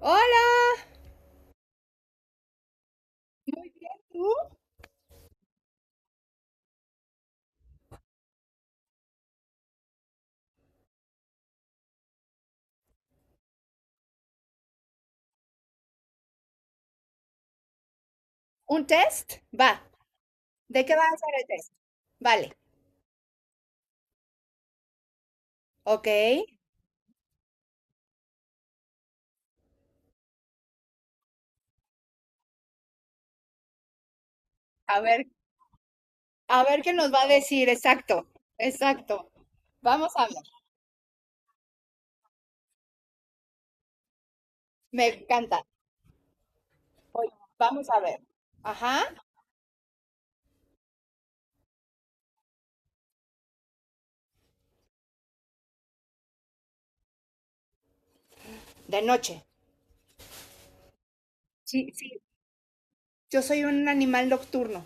Hola. ¿Un test? Va. ¿De qué va a ser el test? Vale. Ok. A ver, a ver qué nos va a decir. Exacto. Exacto. Vamos a ver. Me encanta. Oye, vamos a ver. Ajá. De noche. Sí, sí. Yo soy un animal nocturno.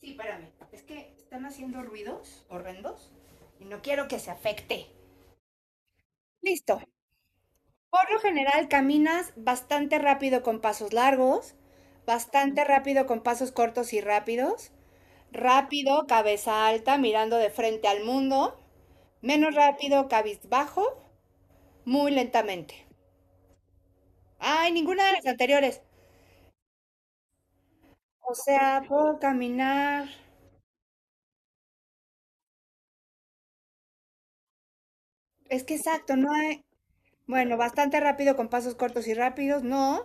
Sí, espérame. Es que están haciendo ruidos horrendos y no quiero que se afecte. Listo. Por lo general caminas bastante rápido con pasos largos, bastante rápido con pasos cortos y rápidos, rápido, cabeza alta, mirando de frente al mundo, menos rápido, cabizbajo, muy lentamente. Ay, ninguna de las anteriores. O sea, puedo caminar. Es que exacto, no hay. Bueno, bastante rápido con pasos cortos y rápidos, no.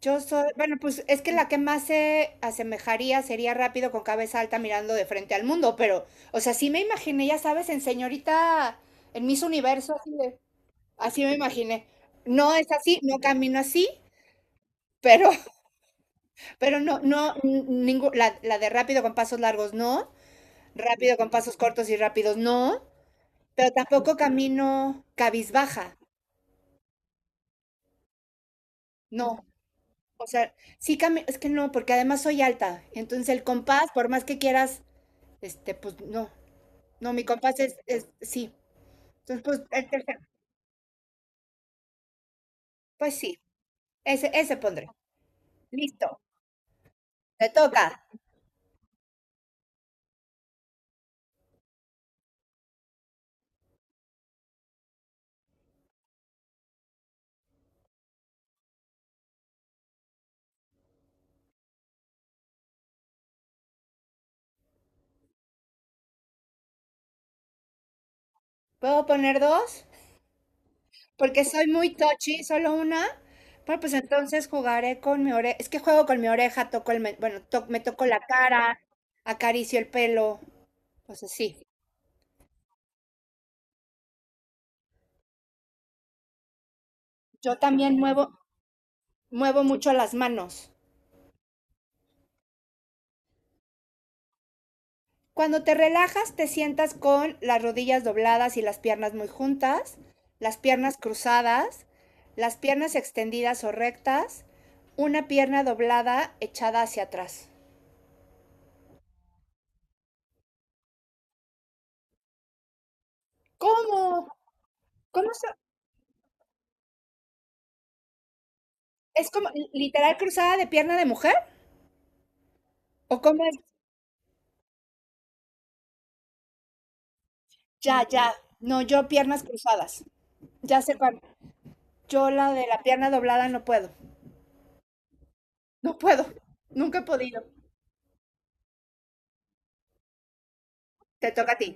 Yo soy, bueno, pues es que la que más se asemejaría sería rápido con cabeza alta mirando de frente al mundo, pero, o sea, sí me imaginé, ya sabes, en señorita, en Miss Universo, así, así me imaginé. No es así, no camino así, pero, pero no, no, la de rápido con pasos largos, no, rápido con pasos cortos y rápidos, no, pero tampoco camino cabizbaja, no. O sea, sí, es que no, porque además soy alta. Entonces el compás, por más que quieras. Este, pues no, no, mi compás es sí. Entonces, pues el tercero, pues sí, ese pondré. Listo, te toca. ¿Puedo poner dos? Porque soy muy touchy, solo una. Bueno, pues entonces jugaré con mi oreja. Es que juego con mi oreja, toco el, bueno, me toco la cara, acaricio el pelo, o sea, sí. Yo también muevo mucho las manos. Cuando te relajas, te sientas con las rodillas dobladas y las piernas muy juntas, las piernas cruzadas, las piernas extendidas o rectas, una pierna doblada echada hacia atrás. ¿Cómo? ¿Cómo se- es como literal cruzada de pierna de mujer? ¿O cómo es? Ya, ya. No, yo piernas cruzadas. Ya sé cuál. Yo la de la pierna doblada no puedo. No puedo. Nunca he podido. Te toca a ti.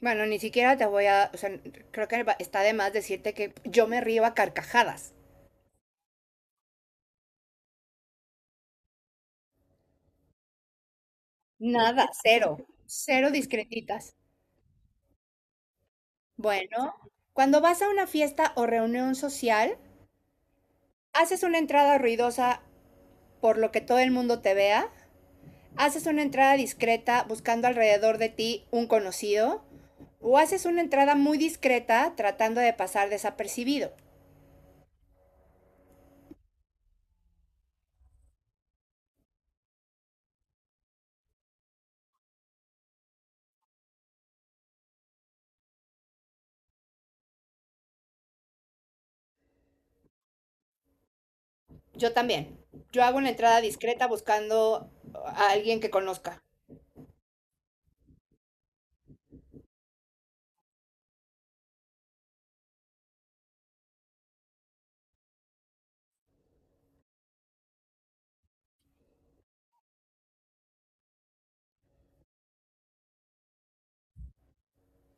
Bueno, ni siquiera te voy a, o sea, creo que está de más decirte que yo me río a carcajadas. Nada, cero, cero discretitas. Bueno, cuando vas a una fiesta o reunión social, haces una entrada ruidosa por lo que todo el mundo te vea, haces una entrada discreta buscando alrededor de ti un conocido, o haces una entrada muy discreta tratando de pasar desapercibido. Yo también. Yo hago una entrada discreta buscando a alguien que conozca.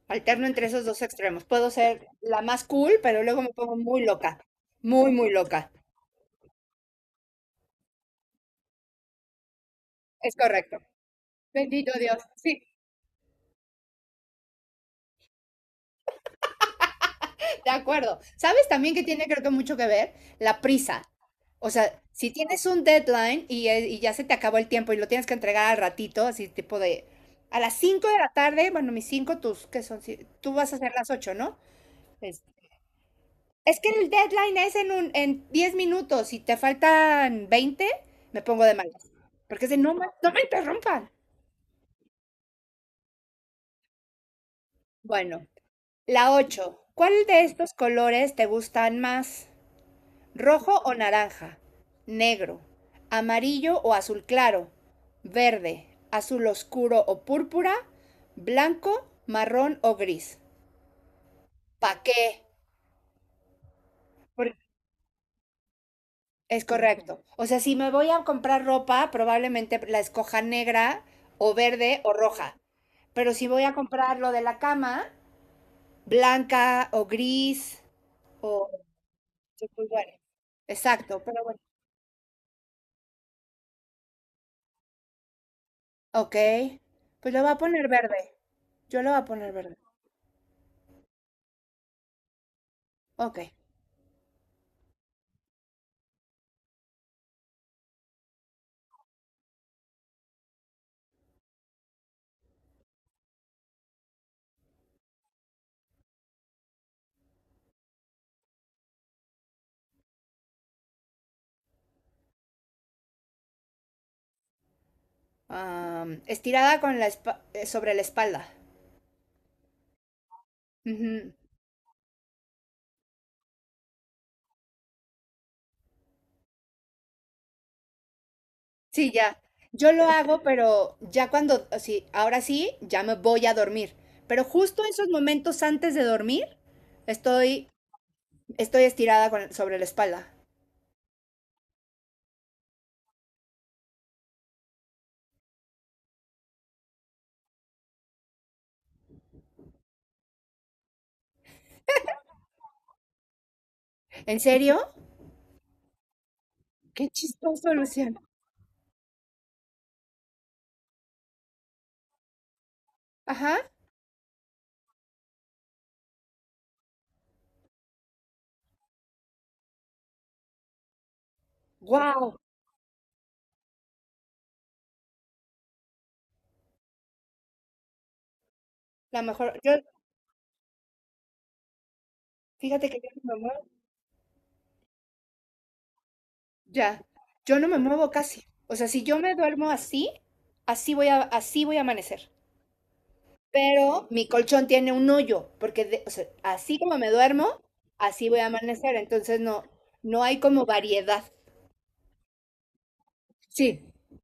Alterno entre esos dos extremos. Puedo ser la más cool, pero luego me pongo muy loca. Muy, muy loca. Es correcto. Bendito Dios. Sí, de acuerdo. ¿Sabes también que tiene creo que mucho que ver? La prisa. O sea, si tienes un deadline y ya se te acabó el tiempo y lo tienes que entregar al ratito, así tipo de a las 5 de la tarde, bueno, mis 5, tus, ¿qué son? Tú vas a hacer las 8, ¿no? Este, es que el deadline es en 10 minutos. Si te faltan 20, me pongo de malas. Porque es de no, no me interrumpan. Bueno, la 8. ¿Cuál de estos colores te gustan más? ¿Rojo o naranja? Negro. ¿Amarillo o azul claro? Verde. ¿Azul oscuro o púrpura? ¿Blanco, marrón o gris? ¿Pa' qué? Es correcto. O sea, si me voy a comprar ropa, probablemente la escoja negra o verde o roja. Pero si voy a comprar lo de la cama, blanca o gris o... pues bueno, exacto, pero bueno. Ok. Pues lo voy a poner verde. Yo lo voy a poner verde. Ok. Am, estirada con sobre la espalda. Sí, ya. Yo lo hago, pero ya cuando, sí, ahora sí, ya me voy a dormir. Pero justo esos momentos antes de dormir, estoy, estoy estirada sobre la espalda. ¿En serio? Qué chistoso, Luciano. Ajá. Wow. La mejor. Yo, fíjate que yo no me muevo. Ya. Yo no me muevo casi. O sea, si yo me duermo así, así voy a amanecer. Pero mi colchón tiene un hoyo, porque o sea, así como me duermo, así voy a amanecer, entonces no, no hay como variedad. Sí,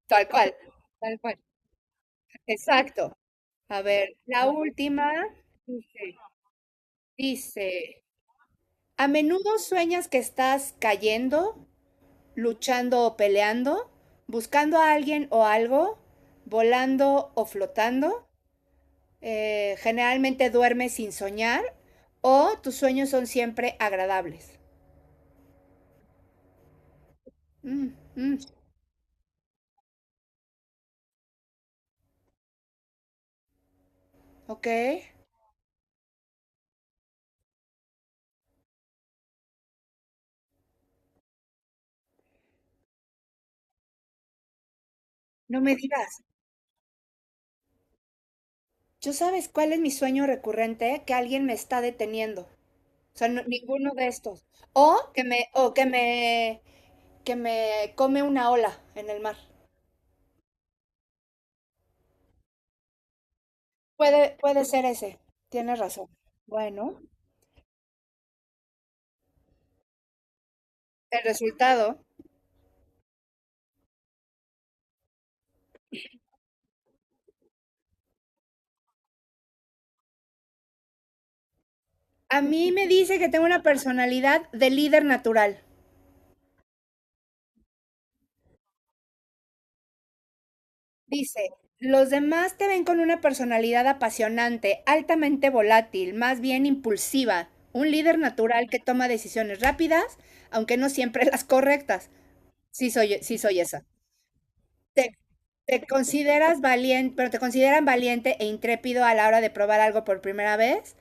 tal cual. Tal cual. Exacto. A ver, la última. Sí. Dice, a menudo sueñas que estás cayendo, luchando o peleando, buscando a alguien o algo, volando o flotando. Generalmente duermes sin soñar o tus sueños son siempre agradables. Mm, mm, ok. No me digas. ¿Yo sabes cuál es mi sueño recurrente? Que alguien me está deteniendo. O sea, no- ninguno de estos. O que me come una ola en el mar. Puede, puede ser ese. Tienes razón. Bueno, el resultado. A mí me dice que tengo una personalidad de líder natural. Dice, los demás te ven con una personalidad apasionante, altamente volátil, más bien impulsiva, un líder natural que toma decisiones rápidas, aunque no siempre las correctas. Sí soy esa. Te, te consideras valiente, pero te consideran valiente e intrépido a la hora de probar algo por primera vez,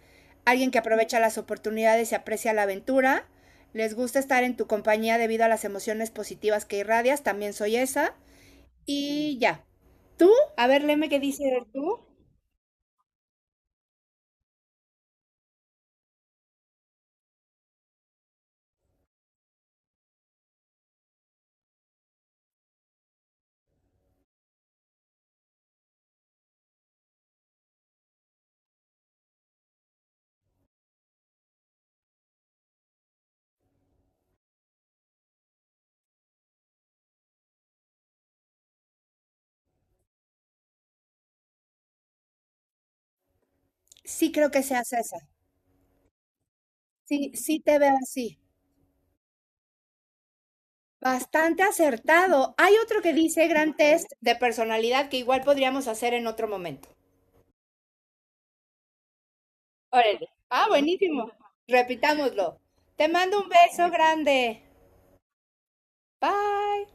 alguien que aprovecha las oportunidades y aprecia la aventura. Les gusta estar en tu compañía debido a las emociones positivas que irradias, también soy esa. Y ya. ¿Tú? A ver, léeme qué dice tú. Sí creo que seas esa. Sí, sí te veo así. Bastante acertado. Hay otro que dice gran test de personalidad que igual podríamos hacer en otro momento. Órale. Ah, buenísimo. Repitámoslo. Te mando un beso grande. Bye.